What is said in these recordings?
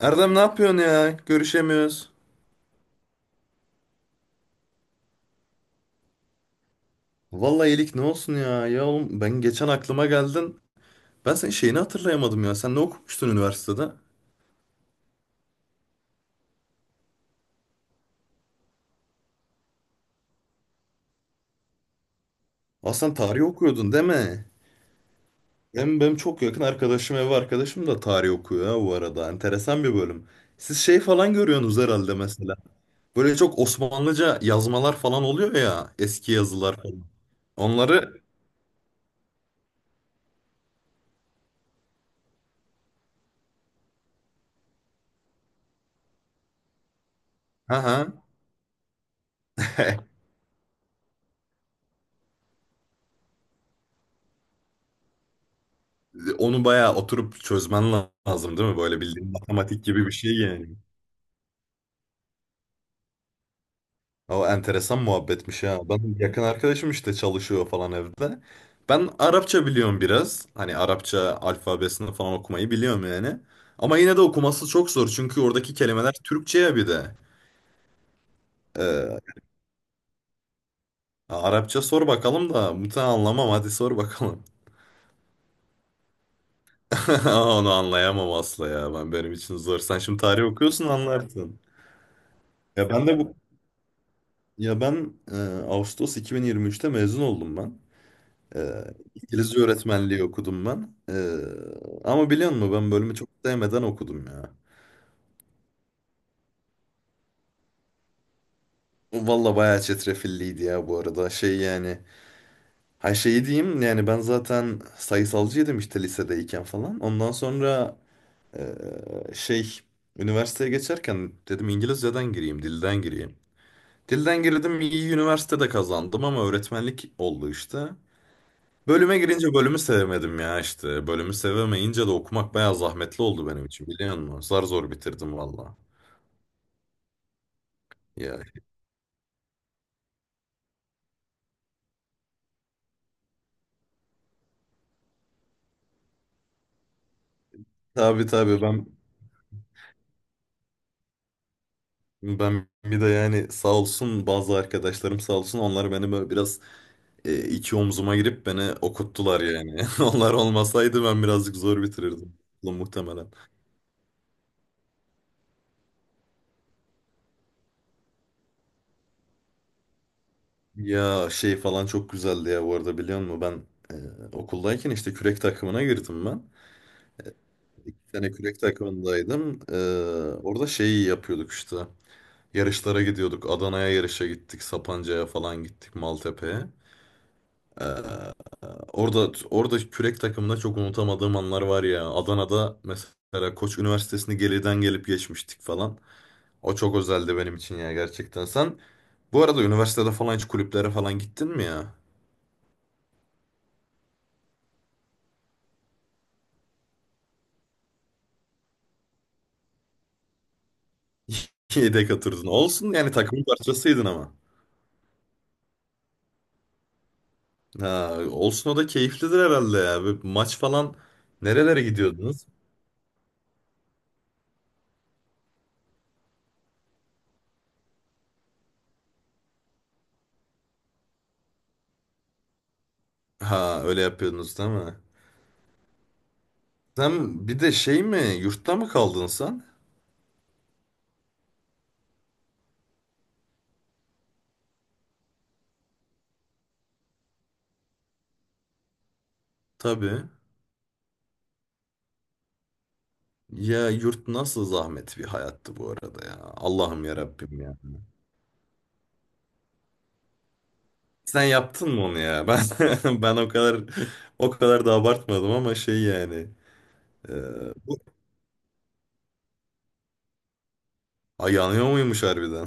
Erdem ne yapıyorsun ya? Görüşemiyoruz. Vallahi iyilik ne olsun ya? Ya oğlum ben geçen aklıma geldin. Ben senin şeyini hatırlayamadım ya. Sen ne okumuştun üniversitede? Aa, sen tarih okuyordun değil mi? Hem benim çok yakın arkadaşım, ev arkadaşım da tarih okuyor ha bu arada. Enteresan bir bölüm. Siz şey falan görüyorsunuz herhalde mesela. Böyle çok Osmanlıca yazmalar falan oluyor ya. Eski yazılar falan. Onları ha ha. Onu bayağı oturup çözmen lazım değil mi? Böyle bildiğin matematik gibi bir şey yani. O enteresan muhabbetmiş ya. Ben yakın arkadaşım işte çalışıyor falan evde. Ben Arapça biliyorum biraz. Hani Arapça alfabesini falan okumayı biliyorum yani. Ama yine de okuması çok zor. Çünkü oradaki kelimeler Türkçe'ye bir de. Ee, Arapça sor bakalım da muhtemelen anlamam. Hadi sor bakalım. Onu anlayamam asla ya. Ben benim için zor. Sen şimdi tarih okuyorsun anlarsın. Ya ben de bu ya ben e, Ağustos 2023'te mezun oldum ben. Ee, İngilizce öğretmenliği okudum ben. Ama biliyor musun ben bölümü çok sevmeden okudum ya. Valla bayağı çetrefilliydi ya bu arada. Şey yani. Ha şeyi diyeyim yani ben zaten sayısalcıydım işte lisedeyken falan. Ondan sonra ee, şey üniversiteye geçerken dedim İngilizceden gireyim, dilden gireyim. Dilden girdim iyi üniversitede kazandım ama öğretmenlik oldu işte. Bölüme girince bölümü sevemedim ya işte. Bölümü sevemeyince de okumak bayağı zahmetli oldu benim için biliyor musun? Zar zor bitirdim valla. Ya tabii tabii ben bir de yani sağ olsun bazı arkadaşlarım sağ olsun onlar beni böyle biraz iki omzuma girip beni okuttular yani. Onlar olmasaydı ben birazcık zor bitirirdim ulan muhtemelen. Ya şey falan çok güzeldi ya bu arada biliyor musun? Ben okuldayken işte kürek takımına girdim ben. İki sene kürek takımındaydım. Orada şeyi yapıyorduk işte. Yarışlara gidiyorduk. Adana'ya yarışa gittik. Sapanca'ya falan gittik. Maltepe'ye. Ee, orada kürek takımında çok unutamadığım anlar var ya. Adana'da mesela Koç Üniversitesi'ni geriden gelip geçmiştik falan. O çok özeldi benim için ya gerçekten. Sen bu arada üniversitede falan hiç kulüplere falan gittin mi ya? Yedek atırdın. Olsun yani takımın parçasıydın ama. Ha, olsun o da keyiflidir herhalde ya. Böyle maç falan nerelere gidiyordunuz? Ha öyle yapıyordunuz değil mi? Sen bir de şey mi yurtta mı kaldın sen? Tabii. Ya yurt nasıl zahmet bir hayattı bu arada ya. Allah'ım ya Rabbim ya. Sen yaptın mı onu ya? Ben ben o kadar da abartmadım ama şey yani. E, bu Ay, yanıyor muymuş harbiden?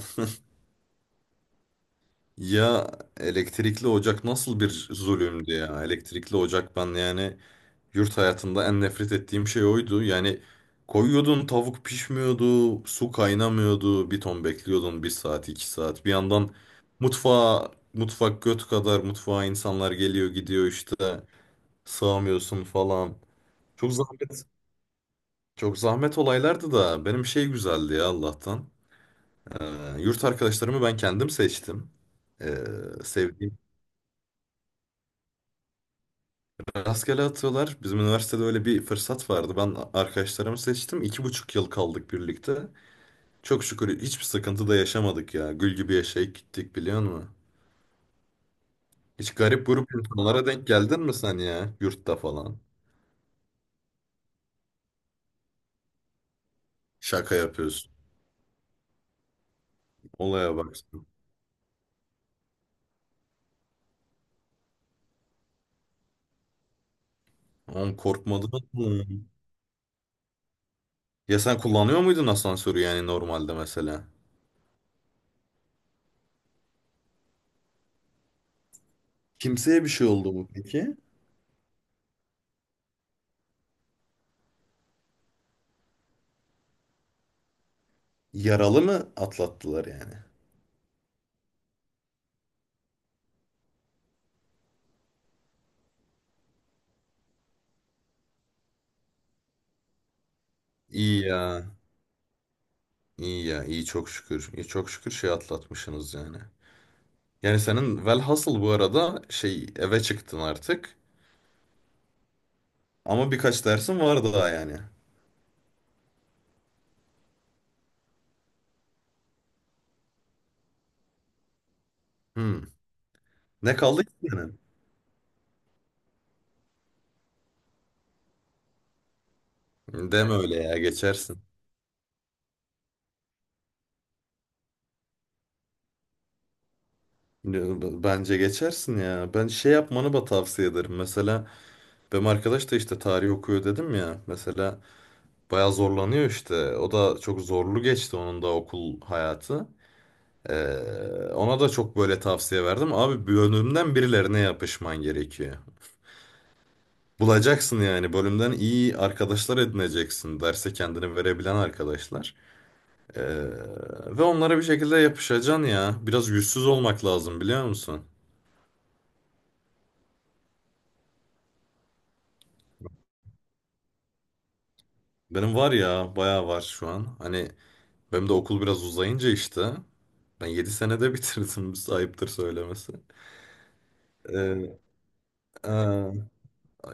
Ya elektrikli ocak nasıl bir zulümdü ya. Elektrikli ocak ben yani yurt hayatında en nefret ettiğim şey oydu. Yani koyuyordun tavuk pişmiyordu, su kaynamıyordu, bir ton bekliyordun bir saat iki saat. Bir yandan mutfak göt kadar mutfağa insanlar geliyor gidiyor işte sığamıyorsun falan. Çok zahmet, çok zahmet olaylardı da benim şey güzeldi ya Allah'tan. Ee, yurt arkadaşlarımı ben kendim seçtim. Ee, sevdiğim rastgele atıyorlar. Bizim üniversitede öyle bir fırsat vardı. Ben arkadaşlarımı seçtim. İki buçuk yıl kaldık birlikte. Çok şükür hiçbir sıkıntı da yaşamadık ya. Gül gibi yaşayıp gittik biliyor musun? Hiç garip grup insanlara denk geldin mi sen ya? Yurtta falan. Şaka yapıyorsun. Olaya bak, sen. Oğlum korkmadın mı? Ya sen kullanıyor muydun asansörü yani normalde mesela? Kimseye bir şey oldu mu peki? Yaralı mı atlattılar yani? İyi ya. İyi ya, iyi çok şükür. İyi çok şükür şey atlatmışsınız yani. Yani senin velhasıl bu arada şey eve çıktın artık. Ama birkaç dersin var daha yani. Hmm. Ne kaldı ki senin? Deme öyle ya geçersin. Ya, Bence geçersin ya. Ben şey yapmanı da tavsiye ederim. Mesela benim arkadaş da işte tarih okuyor dedim ya. Mesela bayağı zorlanıyor işte. O da çok zorlu geçti onun da okul hayatı. Ee, ona da çok böyle tavsiye verdim. Abi bölümden birilerine yapışman gerekiyor. Bulacaksın yani bölümden iyi arkadaşlar edineceksin. Derse kendini verebilen arkadaşlar. Ee, ve onlara bir şekilde yapışacaksın ya. Biraz yüzsüz olmak lazım biliyor musun? Benim var ya, bayağı var şu an. Hani benim de okul biraz uzayınca işte. Ben 7 senede bitirdim. Ayıptır söylemesi. Ee, aa,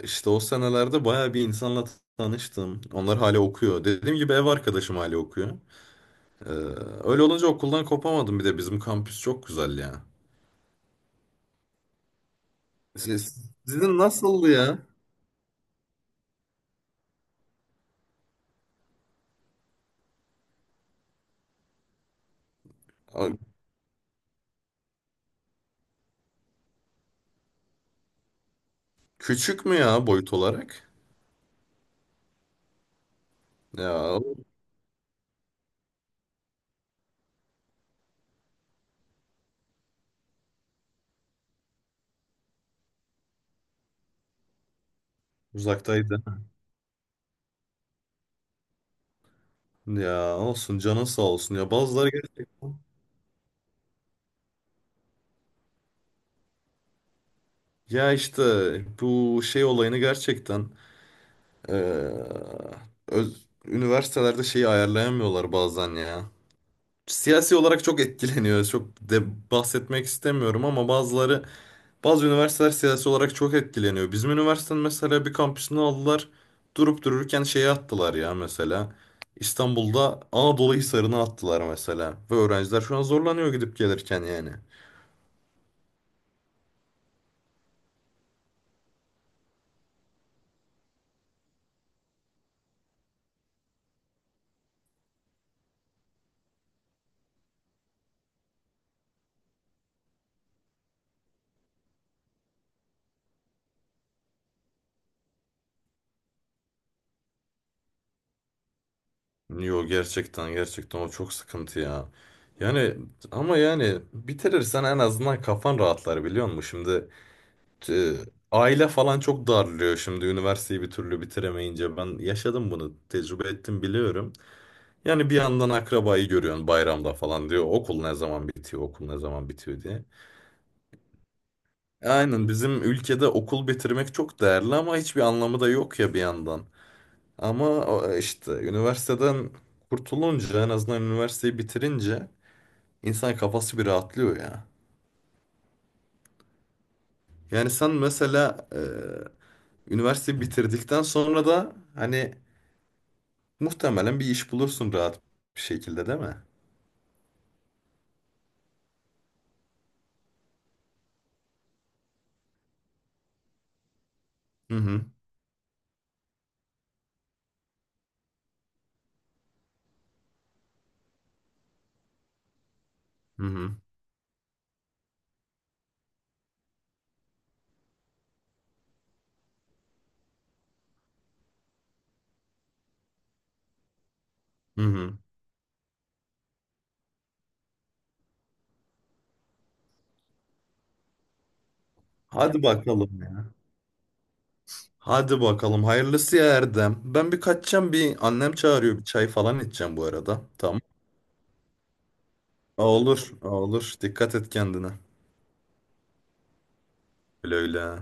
işte o senelerde bayağı bir insanla tanıştım. Onlar hala okuyor. Dediğim gibi ev arkadaşım hala okuyor. Ee, öyle olunca okuldan kopamadım. Bir de bizim kampüs çok güzel ya. Siz- Sizin nasıldı ya? Aa, küçük mü ya boyut olarak? Ya uzaktaydı. Ya olsun canın sağ olsun ya bazıları gerçekten ya işte bu şey olayını gerçekten eee, üniversitelerde şeyi ayarlayamıyorlar bazen ya. Siyasi olarak çok etkileniyor. Çok de bahsetmek istemiyorum ama bazı üniversiteler siyasi olarak çok etkileniyor. Bizim üniversitenin mesela bir kampüsünü aldılar. Durup dururken şeye attılar ya mesela. İstanbul'da Anadolu Hisarı'na attılar mesela. Ve öğrenciler şu an zorlanıyor gidip gelirken yani. Yo, gerçekten o çok sıkıntı ya. Yani ama yani bitirirsen en azından kafan rahatlar biliyor musun? Şimdi e, aile falan çok darlıyor şimdi üniversiteyi bir türlü bitiremeyince. Ben yaşadım bunu tecrübe ettim biliyorum. Yani bir yandan akrabayı görüyorsun bayramda falan diyor. Okul ne zaman bitiyor diye. Aynen bizim ülkede okul bitirmek çok değerli ama hiçbir anlamı da yok ya bir yandan. Ama işte üniversiteden kurtulunca en azından üniversiteyi bitirince İnsan kafası bir rahatlıyor ya. Yani sen mesela üniversiteyi bitirdikten sonra da hani muhtemelen bir iş bulursun rahat bir şekilde değil mi? Hı hı, hı hı, hı hı. Hadi bakalım ya. Hadi bakalım hayırlısı ya Erdem. Ben bir kaçacağım, bir annem çağırıyor bir çay falan içeceğim bu arada. Tamam. Aa, olur, aa, olur. Dikkat et kendine. Öyle öyle.